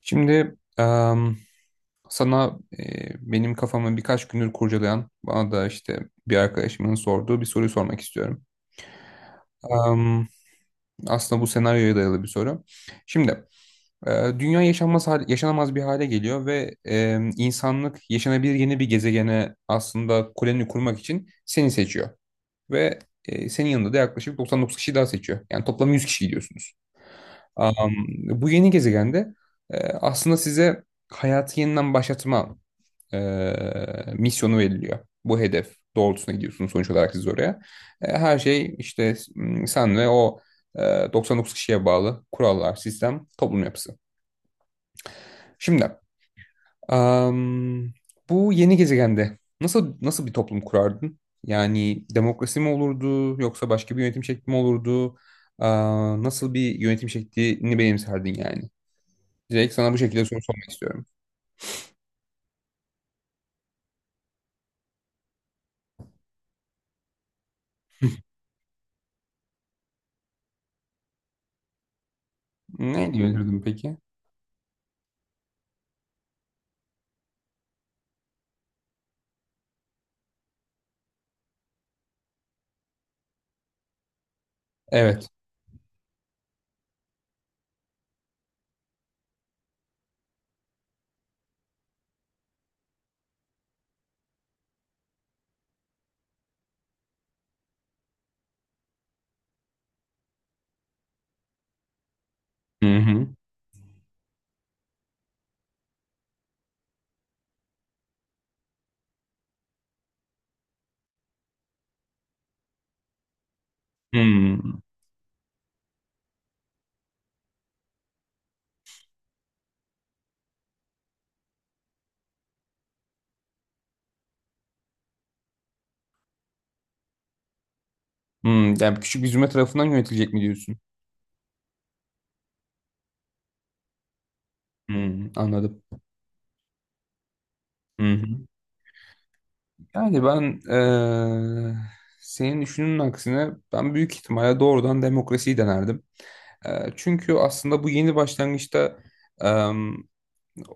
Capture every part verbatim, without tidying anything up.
Şimdi em, sana e, benim kafamı birkaç gündür kurcalayan, bana da işte bir arkadaşımın sorduğu bir soruyu sormak istiyorum. Em, Aslında bu senaryoya dayalı bir soru. Şimdi e, dünya yaşanmaz hal- yaşanamaz bir hale geliyor ve em, insanlık yaşanabilir yeni bir gezegene aslında koloni kurmak için seni seçiyor. Ve e, senin yanında da yaklaşık doksan dokuz kişi daha seçiyor. Yani toplam yüz kişi gidiyorsunuz. Em, Bu yeni gezegende e, aslında size hayatı yeniden başlatma e, misyonu veriliyor. Bu hedef doğrultusuna gidiyorsunuz sonuç olarak siz oraya. E, her şey işte hmm, sen ve o e, doksan dokuz kişiye bağlı kurallar, sistem, toplum yapısı. Şimdi am, bu yeni gezegende nasıl nasıl bir toplum kurardın? Yani demokrasi mi olurdu yoksa başka bir yönetim şekli mi olurdu? Aa, nasıl bir yönetim şeklini benimserdin yani? Direkt sana bu şekilde soru sormak istiyorum. Ne yönetirdim peki? Evet. Hı hı. Hı. Hmm, yani küçük bir zümre tarafından yönetilecek mi diyorsun? Hmm, anladım. Hı hı. Yani ben eee, senin düşünün aksine ben büyük ihtimalle doğrudan demokrasiyi denerdim. Eee, çünkü aslında bu yeni başlangıçta em,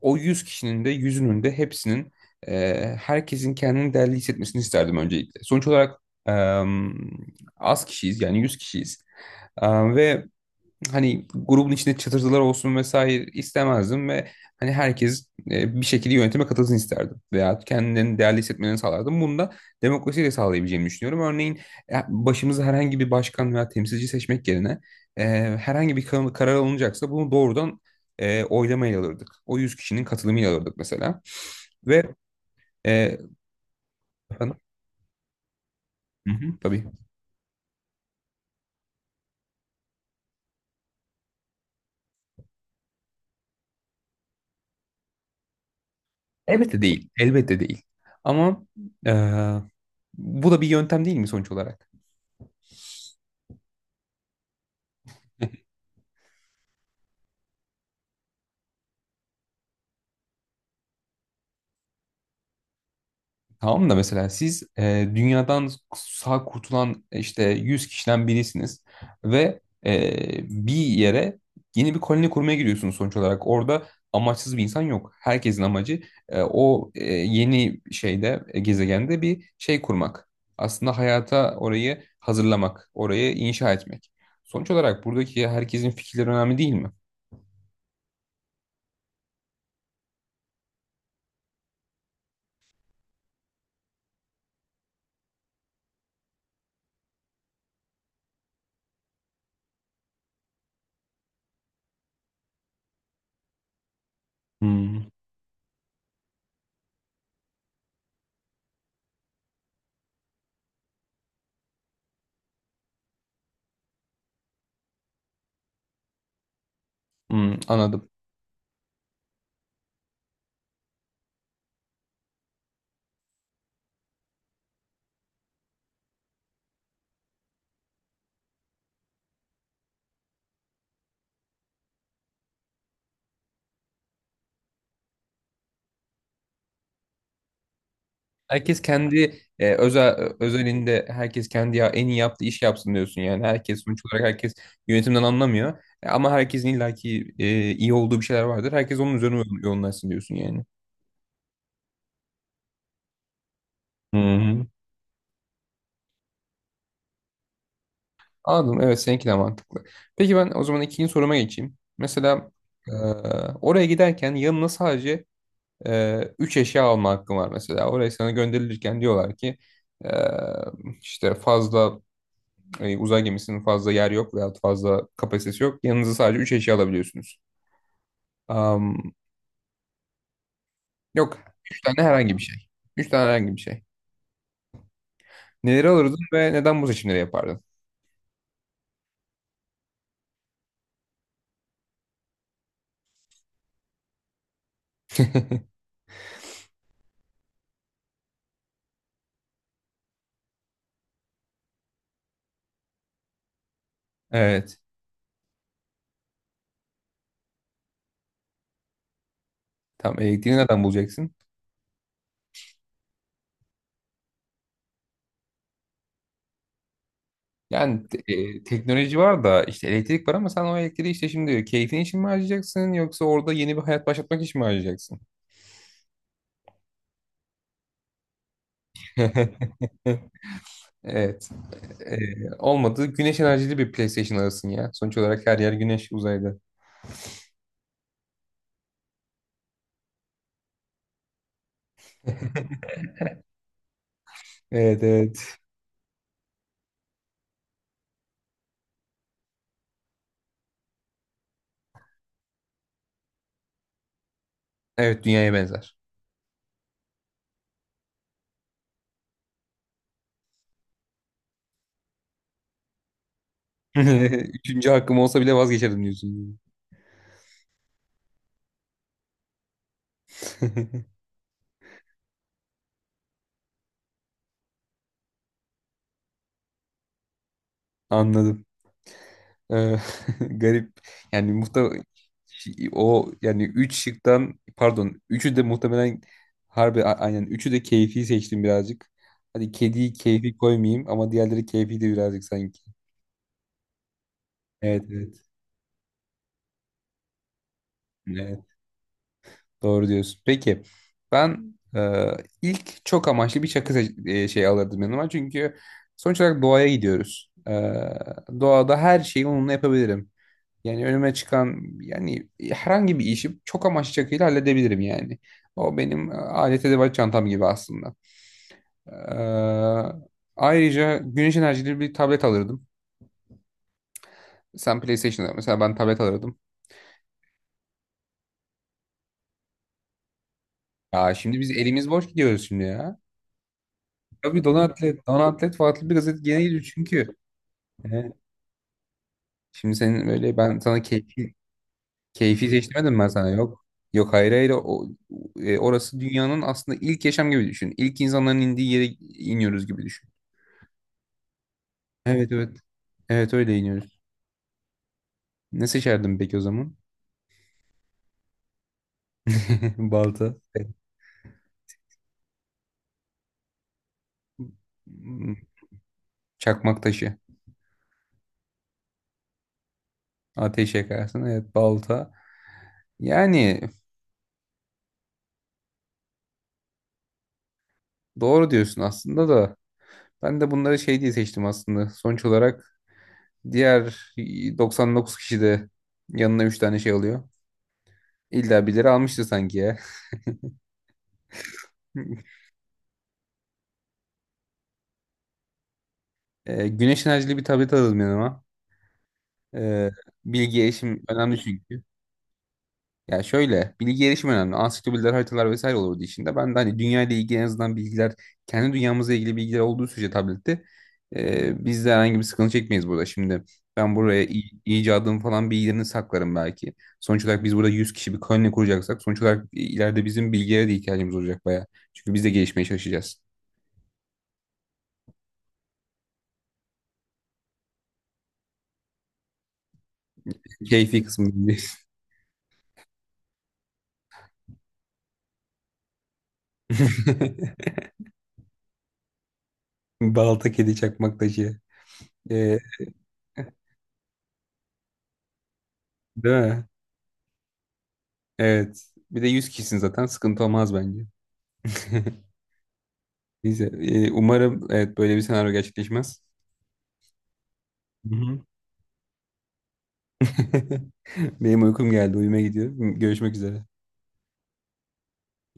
o yüz kişinin de yüzünün de hepsinin eee, herkesin kendini değerli hissetmesini isterdim öncelikle. Sonuç olarak em, az kişiyiz yani yüz kişiyiz. Em, ve hani grubun içinde çatırtılar olsun vesaire istemezdim ve hani herkes e, bir şekilde yönetime katılsın isterdim veya kendilerini değerli hissetmelerini sağlardım. Bunu da demokrasiyle sağlayabileceğimi düşünüyorum. Örneğin e, başımıza herhangi bir başkan veya temsilci seçmek yerine e, herhangi bir kar- karar alınacaksa bunu doğrudan e, oylamayla alırdık. O yüz kişinin katılımıyla alırdık mesela. Ve e, efendim, hı hı, tabii. Elbette değil. Elbette değil. Ama e, bu da bir yöntem değil mi sonuç olarak? Tamam da mesela siz e, dünyadan sağ kurtulan e, işte yüz kişiden birisiniz ve e, bir yere yeni bir koloni kurmaya gidiyorsunuz sonuç olarak. Orada amaçsız bir insan yok. Herkesin amacı e, o e, yeni şeyde e, gezegende bir şey kurmak. Aslında hayata orayı hazırlamak, orayı inşa etmek. Sonuç olarak buradaki herkesin fikirleri önemli değil mi? Hmm, hmm, anladım. Herkes kendi e, özel e, özelinde herkes kendi ya, en iyi yaptığı iş yapsın diyorsun yani. Herkes sonuç olarak herkes yönetimden anlamıyor. E, Ama herkesin illaki e, iyi olduğu bir şeyler vardır. Herkes onun üzerine yo- yoğunlaşsın diyorsun yani. Hı hı. Anladım. Evet, seninki de mantıklı. Peki ben o zaman ikinci soruma geçeyim. Mesela e, oraya giderken yanına sadece e, üç eşya alma hakkın var mesela. Oraya sana gönderilirken diyorlar ki e, işte fazla e, uzay gemisinin fazla yer yok veya fazla kapasitesi yok. Yanınıza sadece üç eşya alabiliyorsunuz. Am, yok. Üç tane herhangi bir şey. Üç tane herhangi bir şey. Neleri alırdın ve neden bu seçimleri yapardın? Evet. Tam elektriği nereden bulacaksın? Yani te- e, teknoloji var da işte elektrik var ama sen o elektriği işte şimdi keyfin için mi harcayacaksın yoksa orada yeni bir hayat başlatmak için mi harcayacaksın? Evet. E, Olmadı. Güneş enerjili bir PlayStation alırsın ya. Sonuç olarak her yer güneş uzayda. Evet, evet. Evet, dünyaya benzer. Üçüncü hakkım olsa bile vazgeçerdim diyorsun. Anladım. Ee, garip. Yani muhtemelen o yani üç şıktan pardon üçü de muhtemelen harbi a- aynen üçü de keyfi seçtim birazcık. Hadi kediyi keyfi koymayayım ama diğerleri keyfi de birazcık sanki. Evet, evet. Evet, doğru diyorsun. Peki ben e, ilk çok amaçlı bir şarkı seç- e, şey alırdım yanıma çünkü sonuç olarak doğaya gidiyoruz. E, doğada her şeyi onunla yapabilirim. Yani önüme çıkan yani herhangi bir işi çok amaç çakıyla halledebilirim yani. O benim e, alet edevat çantam gibi aslında. Ee, Ayrıca güneş enerjili bir tablet alırdım. Sen PlayStation'da mesela ben tablet alırdım. Ya şimdi biz elimiz boş gidiyoruz şimdi ya. Tabii Donatlet, Donatlet farklı bir gazete gene gidiyor çünkü. Ee, şimdi senin böyle ben sana keyfi, keyfi seçtirmedim ben sana yok. Yok, hayır, hayır o, e, orası dünyanın aslında ilk yaşam gibi düşün. İlk insanların indiği yere iniyoruz gibi düşün. Evet, evet. Evet, öyle iniyoruz. Ne seçerdin peki o zaman? Balta. Hmm, çakmak taşı. Ateş yakarsın. Evet, balta. Yani doğru diyorsun aslında da. Ben de bunları şey diye seçtim aslında. Sonuç olarak diğer doksan dokuz kişi de yanına üç tane şey alıyor. İlla birileri almıştı sanki ya. Ee, güneş enerjili bir tablet aldım yanıma. Ee, bilgi erişim önemli çünkü. Ya şöyle bilgi erişimi önemli. Ansiklopediler, haritalar vesaire olurdu içinde. Ben de hani dünya ile ilgili en azından bilgiler, kendi dünyamızla ilgili bilgiler olduğu sürece tablette e, biz de herhangi bir sıkıntı çekmeyiz burada. Şimdi ben buraya i- icadım falan bilgilerini saklarım belki. Sonuç olarak biz burada yüz kişi bir koloni kuracaksak sonuç olarak ileride bizim bilgilere de ihtiyacımız olacak bayağı. Çünkü biz de gelişmeye çalışacağız. Keyfi kısmı değil. Balta, kedi, çakmak taşı. E, değil mi? Evet. Bir de yüz kişisin zaten sıkıntı olmaz bence. Neyse, e, umarım evet böyle bir senaryo gerçekleşmez. Hı hı. Benim uykum geldi, uyuma gidiyorum. Görüşmek üzere.